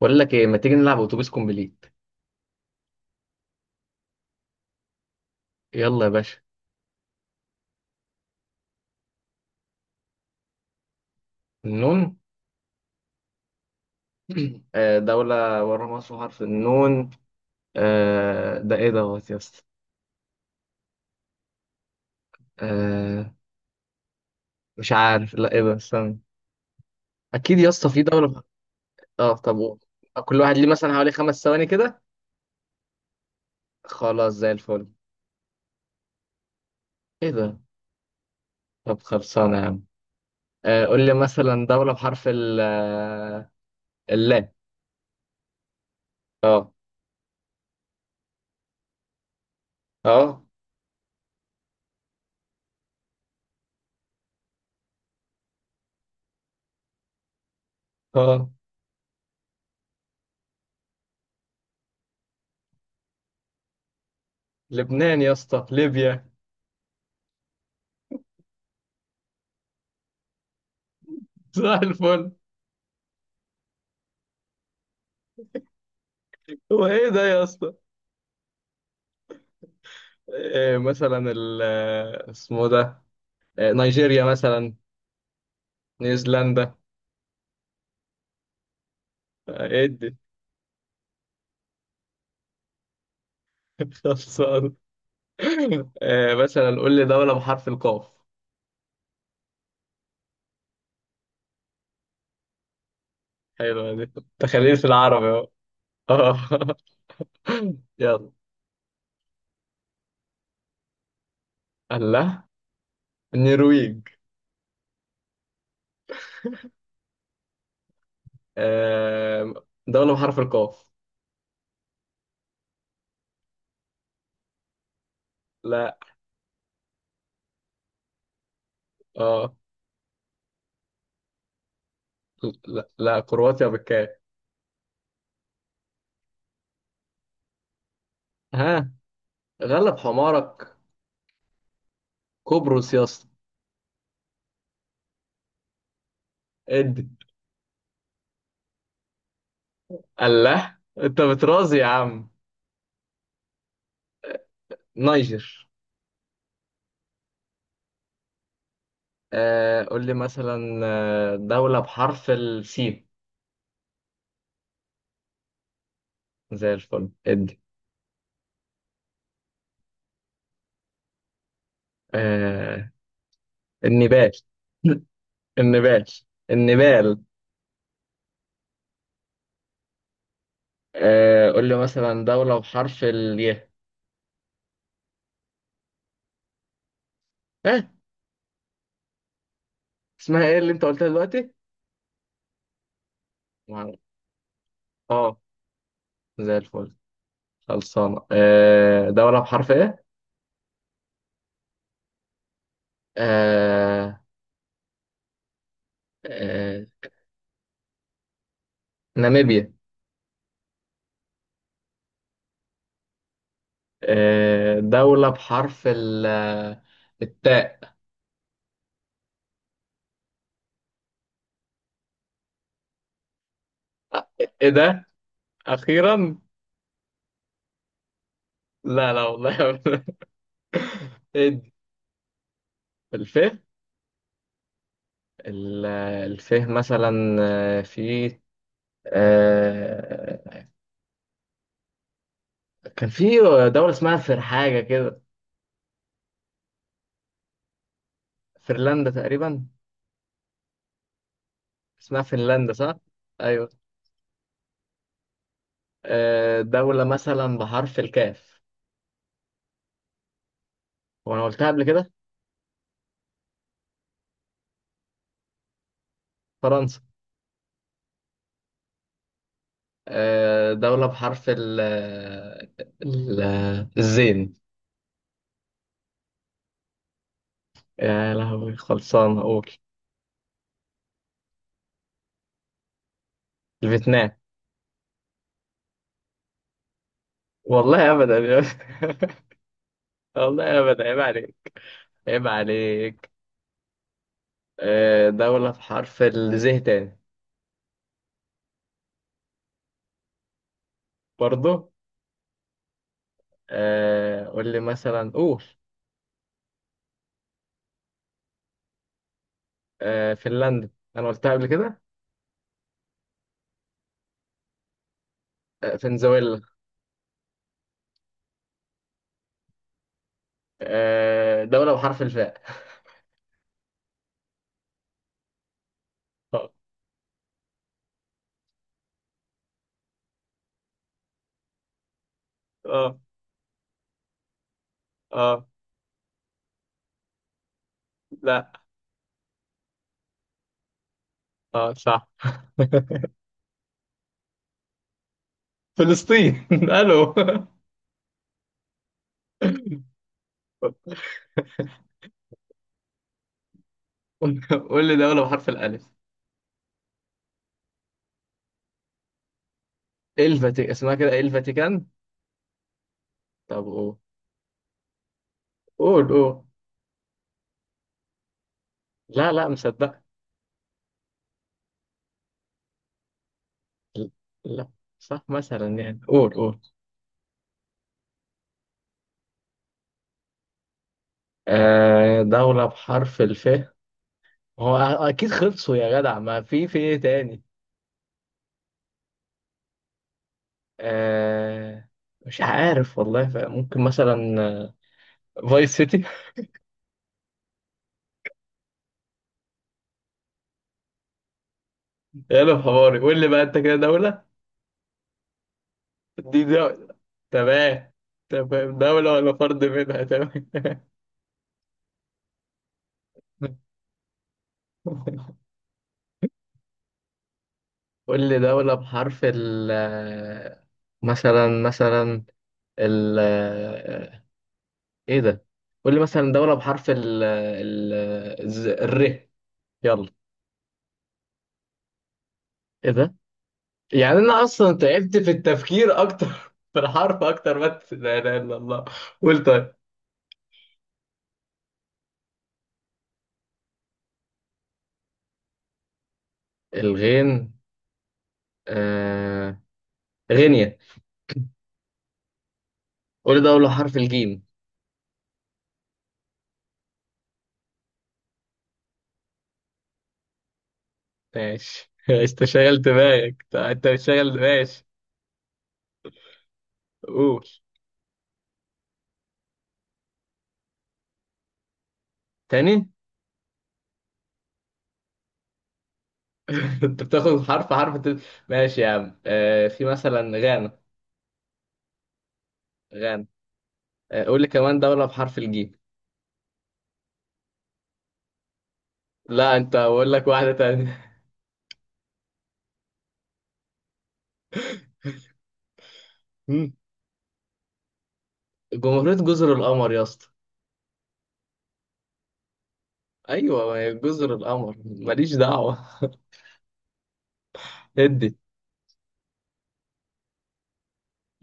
بقول لك ايه، ما تيجي نلعب اتوبيس كومبليت؟ يلا يا باشا. النون. دولة ورا مصر حرف النون. ده ايه دوت يا اسطى؟ آه، مش عارف، لا ايه ده؟ استنى. اكيد يا اسطى في دولة. اه طب قول. كل واحد ليه مثلا حوالي خمس ثواني كده. خلاص زي الفل. ايه ده؟ طب خلصانة يا عم. قول لي مثلا دولة بحرف ال آه، اللام. اه. اه. اه. لبنان يا اسطى، ليبيا. زي الفل. هو ايه ده يا اسطى؟ إيه مثلا اسمه ده؟ إيه، نيجيريا مثلا، نيوزيلندا. إيه ادي. خلصان. إيه مثلا، قول لي دولة بحرف القاف. حلوة دي. تخليل في العربي اهو. آه. يلا. الله. النرويج. آه، دولة بحرف القاف. لا. اه. لا لا، كرواتيا بالكاف. ها. غلب حمارك. قبرص يا اسطى. ادي. الله، انت بترازي يا عم. نيجر. آه قول لي مثلا، دولة بحرف السين. زي الفل ادي. آه. النبال. النبال. النبال. آه، قول لي مثلا دولة بحرف الياء. اه. اسمها ايه اللي انت قلتها دلوقتي؟ معرفة. اه. زي الفل. خلصانة. آه دولة بحرف ايه؟ آه. آه. ناميبيا. آه دولة بحرف التاء. آه، ايه ده؟ أخيرا؟ لا لا والله. ادي. الفيه. ال- الفيه مثلا. في، آه، كان في دولة اسمها فر حاجة كده. فنلندا تقريبا. اسمها فنلندا صح؟ أيوه. دولة مثلا بحرف الكاف. وأنا قلتها قبل كده. فرنسا. دولة بحرف ال- الزين. يا لهوي، خلصان أقول. الفيتنام. والله أبدا. والله أبدا، عيب عليك. عيب عليك. دولة بحرف الزه تاني. برضو. قول لي مثلا، قول. فنلندا، أنا قلتها قبل كده. فنزويلا. دولة بحرف الفاء. اه. اه. اه. لا. اه صح. فلسطين. الو. قول لي دولة بحرف الألف. الفاتيكان. اسمها كده إيه الفاتيكان؟ طب قول. قول قول. لا لا، مصدق. لا صح مثلا يعني، قول قول. آه دولة بحرف الف. هو اكيد خلصوا يا جدع، ما في ايه تاني. آه مش عارف والله. ف- ممكن مثلا، فايس سيتي. يلا حواري، قول لي بقى انت كده دولة. دي دولة. تمام. تمام، دولة ولا فرد منها، تمام. قول لي دولة بحرف ال آه، مثلا مثلا، ال آه، ايه ده؟ قول لي مثلا دولة بحرف ال ال ر. يلا. ايه ده؟ يعني انا اصلا تعبت في التفكير اكتر في الحرف اكتر ما. لا اله الا الله. قول طيب. الغين. آه... غينيا. قول ده اول حرف الجيم. ماشي. انت شغل دماغك، انت مش شغل ماشي. قول تاني. انت بتاخد حرف حرف انت-. ماشي يا عم، آه... في مثلا غانا. غانا. آه... قول لي كمان دولة بحرف الجيم. لا، انت بقول لك واحدة تانية. مم. جمهورية جزر القمر يا اسطى. ايوه، ما هي جزر القمر، ماليش دعوة. ادي.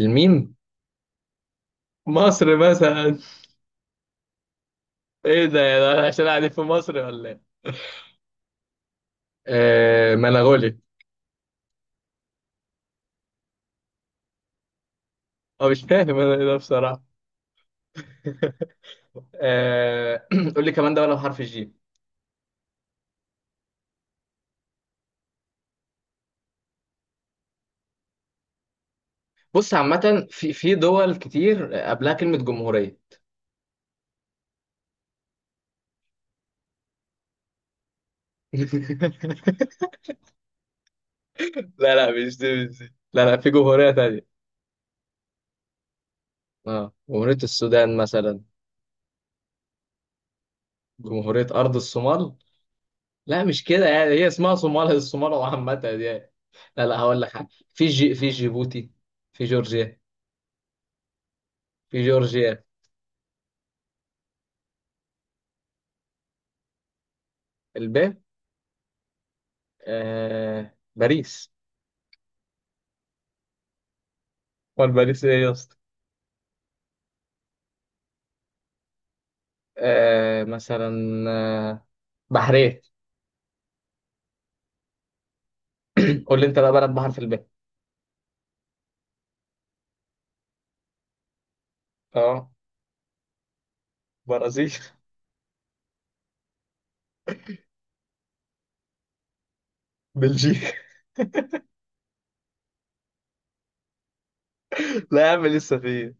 الميم. مصر مثلا. ايه ده يا ده، عشان قاعدين في مصر ولا ايه؟ آه منغولي. اه مش فاهم انا ايه ده بصراحه. آه قول لي كمان دوله بحرف الجيم. بص عامه، في دول كتير قبلها كلمه جمهوريه. لا لا مش دي، مش دي، لا لا في جمهورية تانية. اه جمهورية السودان مثلا. جمهورية أرض الصومال. لا مش كده، يعني هي اسمها صومال، الصومال، وعامة يعني. لا لا هقول لك حاجة، في جي في جيبوتي. في جورجيا. في جورجيا. الب. آه باريس. امال باريس ايه يا اسطى؟ آه مثلا، آه بحرين. قول لي انت بقى بلد بحر في الب. اه. برازيل. بلجيكا. لا يا عم، لسه في.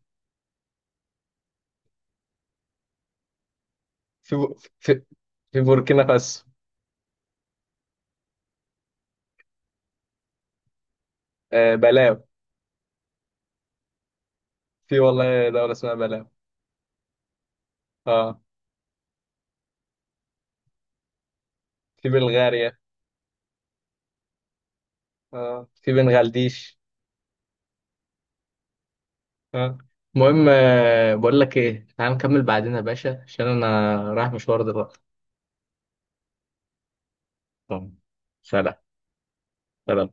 في بو- في, في بوركينا فاسو. آه بلاو. في والله دولة اسمها بلاو. اه في بلغاريا. اه في بنغلاديش. اه المهم، بقول لك ايه، تعال نكمل بعدين يا باشا عشان انا رايح مشوار دلوقتي. طب سلام. سلام.